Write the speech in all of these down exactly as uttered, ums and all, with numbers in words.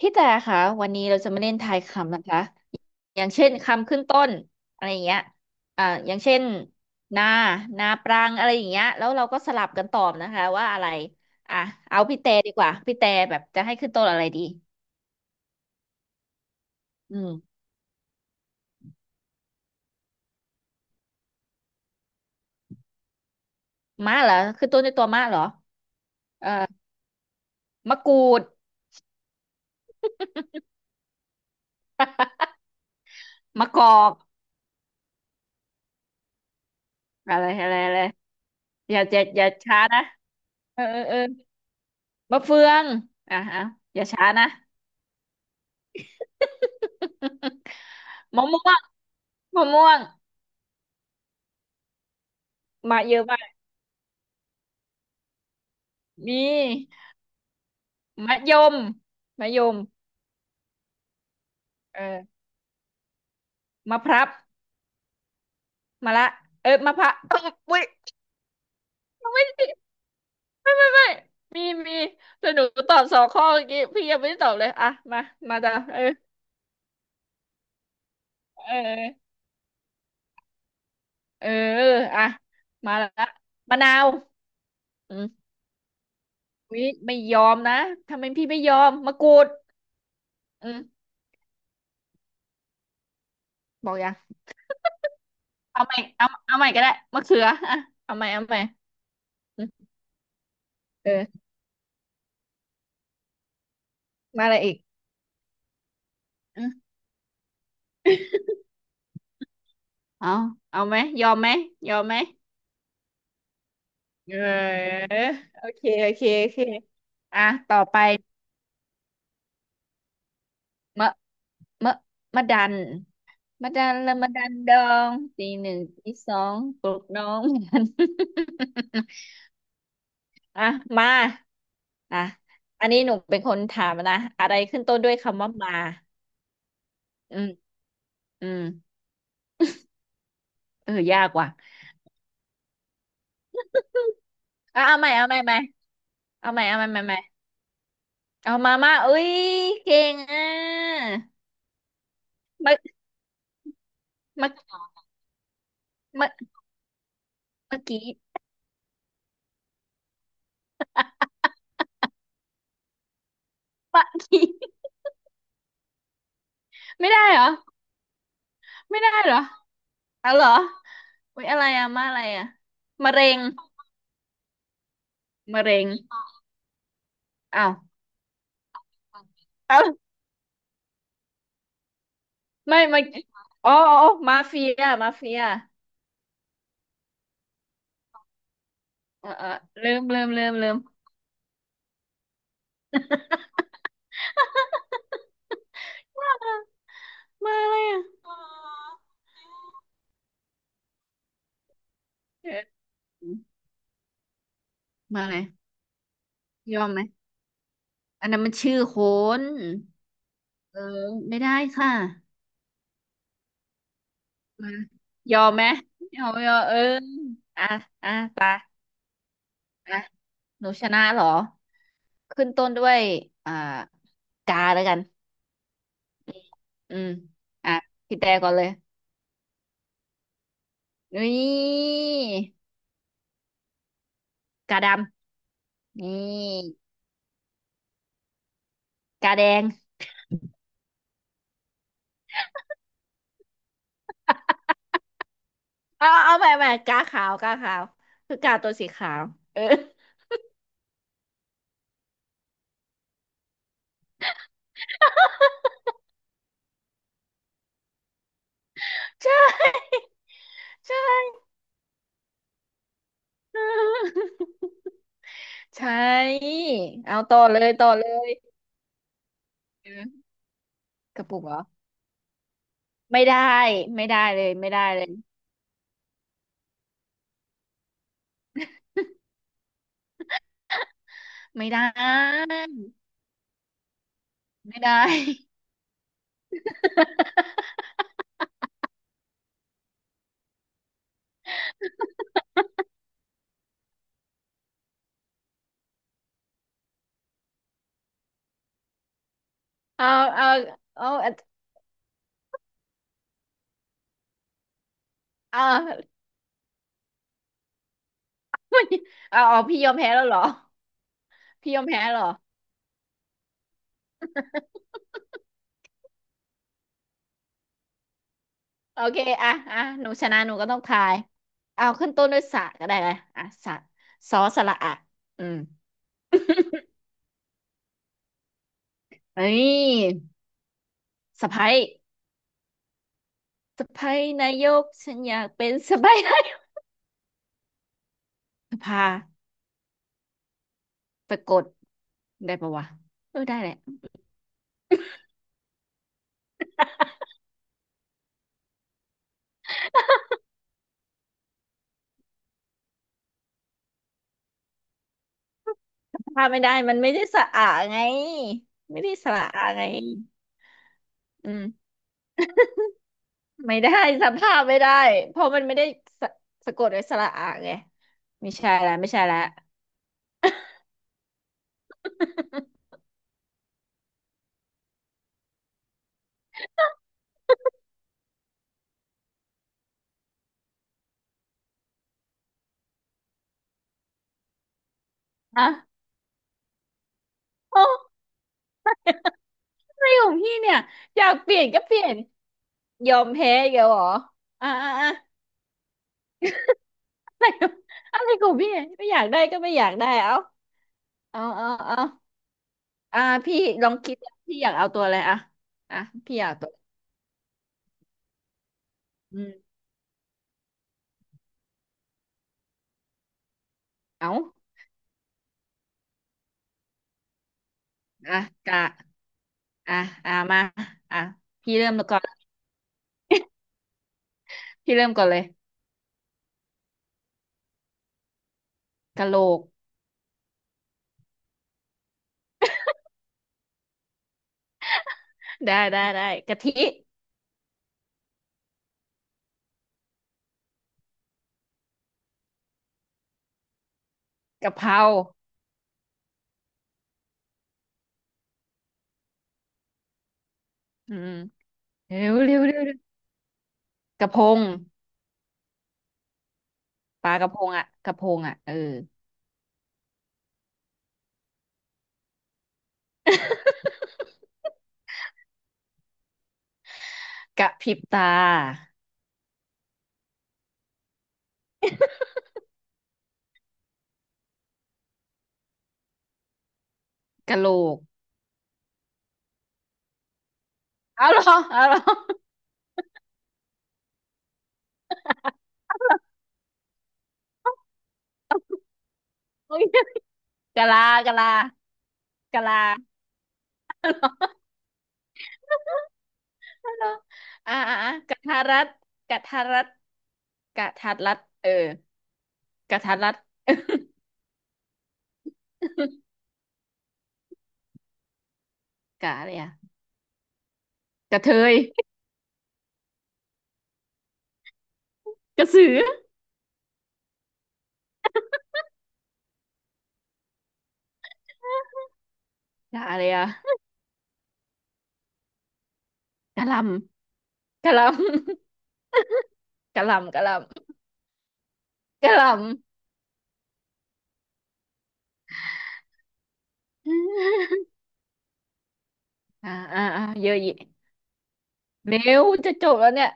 พี่แต่ค่ะวันนี้เราจะมาเล่นทายคำนะคะอย่างเช่นคำขึ้นต้นอะไรอย่างเงี้ยอ่าอย่างเช่นนานาปรังอะไรอย่างเงี้ยแล้วเราก็สลับกันตอบนะคะว่าอะไรอ่ะเอาพี่แต่ดีกว่าพี่แต่แบบจะให้ขึ้นต้นอะไรดีอืมมะเหรอขึ้นต้นด้วยตัวมะเหรอเอ่อมะกรูด มะกอกอะไรอะไรอะไรอย่าอย่าอย่าช้านะเออเออเออมะเฟืองอ่ะอ่ะอย่าช้านะ มะม่วงมะม่วงมาเยอะ มีมะยมมะยมเออมะพร้าวมะละเออมะพร้าวเอ้ยอุ๊ยไม่ไม่ไม่ไม่ไมมีมีแต่หนูตอบสองข้อเมื่อกี้พี่ยังไม่ได้ตอบเลยอ่ะมามาจ้ะเออเออเอออ่ะมาละมะนาวอืมวิไม่ยอมนะทำไมพี่ไม่ยอมมะกรูดอืมบอกยังเอาใหม่เอาเอาใหม่ก็ได้มะเขืออ่ะเอาใหม่เอาใหม่อืมเออมาอะไรอีกอืมเอาเอาไหมยอมไหมยอมไหม เออโอเคโอเคโอเคอ่ะต่อไปมะมะมะดันมะดันละมะดันดองตีหนึ่งตีสองปลุกน้องมัน อ่ะมาอ่ะอันนี้หนูเป็นคนถามนะอะไรขึ้นต้นด้วยคำว่ามาอืมอืมเออยากว่ะอ่ะเอาใหม่เอาใหม่ใหม่เอาใหม่เอาใหม่ใหม่ใหม่เอามามาเอ้ยเก่งอ่ะเมามามาเมื่อกี้ะกี้ไม่ได้เหรอ ไม่ได้เหรออ๋อเหรออุ้ยอะไรอะมาอะไรอะมะเร็งมะเร็งอ้าวอ้าวไม่มาอ๋ออ๋ออ๋อมาเฟียมาเฟียเออเออลืมลืมลืมลืม มามาอะไรอะเออมาอะไรยอมไหมอันนั้นมันชื่อโคนเออไม่ได้ค่ะมายอมไหมยอมยอมเอออ่ะอ่ะตาอ่ะหนูชนะเหรอ ขึ้นต้นด้วยอ่ากาแล้วกันอืมอ่ะพี่แต่ก่อนเลยนี่กาดำนี่กาแดงเอาเอาใหม่ใหม่กาขาวกาขาวคือกาตัวสีขาวเออ ใช่ใช่ ใช่เอาต่อเลยต่อเลยเออกระปุกเหรอไม่ได้ไม่ได้เลยไม่ได้เลยไม่ได้ไม่ได้ เอาเอาเอาเอา เอาเอาพี่ยอมแพ้แล้วเหรอพี่ยอมแพ้เหรอโอเคอ่ะอ่ะหนูชนะหนูก็ต้องทายเอาขึ้นต้นด้วยสระก็ได้ไงอ่ะสระสอสระอะอืมนี่สะใภ้สะใภ้นายกฉันอยากเป็นสะใภ้นายกสภาไปกดได้ปะวะเออได้แหละสภาไม่ได้มันไม่ได้สระอะไงไม่ได้สระอะไงอืมไม่ได้สภาพไม่ได้เพราะมันไม่ได้สะสะกดด้วยสระอะไงไม่ใช่แล้วไม่ใช่แล้วอ่ะ โอ้อะไรของพี่เนี่ยอยากเปลี่ยนก็เปลี่ยนยอมแพ้อีกแล้วเหรออ่าอ่าอ่าอะไรอะไรของพี่เนี่ยไม่อยากได้ก็ไม่อยากได้เอาเอาเอาเอาอ่าพี่ลองคิดพี่อยากเอาตัวอะไรอ่ะอ่ะพี่อยากตัวอืมเอาอ่ะกะอ่ะอ่ะมาอ่ะพี่เริ่มก่อนพี่เริ่มก่อนเลยกะโหลกได้ได้ได้กะทิกะเพราอืมเร็วเร็วเร็วเร็วกระพงปลากระพงอ่ะกระพงอ่ะเออ กระพริบตา กะโหลกเอาเหรอเอาเหรอโอ้ยกะลากะลากะลาเอาเหรอเอาเหรออ่าอ่าอ่ากะทารัด กะทารัด กะทัดรัดเออกะทัดรัด กะอะไรอะกะเทยกระสือกะอะไรอะกะหลำ กะหลำ กะหลำกะหลำกะหลำ อ่าอ่าอ่าเยอะแีะเร็วจะจบแล้วเนี่ย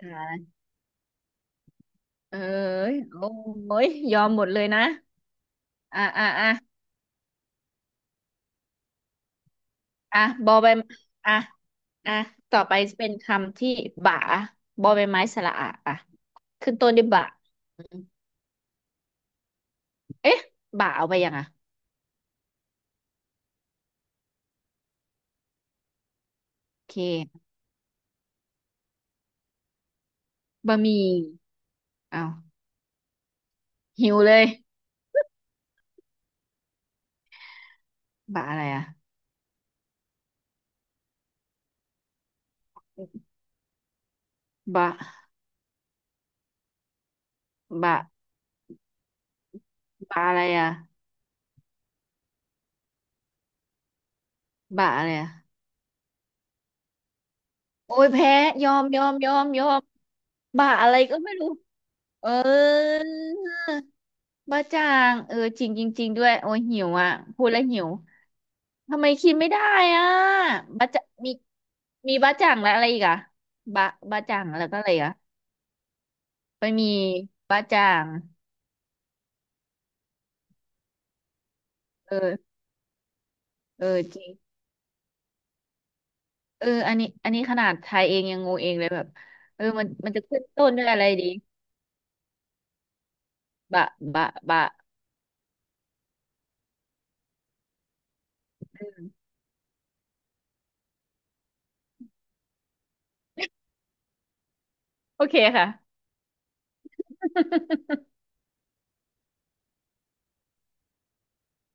อ่าเอ้ยโอ้ยยอมหมดเลยนะอ่าอ่าอ่า อ่ะบอใบอ่ะอ่ะ ต่อไปเป็นคำที่บ่าบอใบไม้สระอะอ่ะขึ้นต้นด้วยบ่าอืมเอ๊ะบ่าเอาไปยังอ่ะโอเค บะหมี่เอาหิวเลยบ่าอะไรอ่ะบ่าบ่าบ่าอะไรอ่ะบ่าอะไรอ่ะ โอ้ยแพ้ยอมยอมยอมยอมบ้าอะไรก็ไม่รู้เออบ้าจางเออจริงจริงๆด้วยโอ้ยหิวอ่ะพูดแล้วหิวทำไมคิดไม่ได้อ่ะบ้าจะมีมีบ้าจางแล้วอะไรอีกอ่ะบ้าบ้าจางแล้วก็อะไรอีกอ่ะไปมีบ้าจางเออเออจริงเอออันนี้อันนี้ขนาดไทยเองยังงงเองเลยแบบเออมันมันจะขึ้นต้นด้วยอะไรดีบะบะบะโอเคค่ะ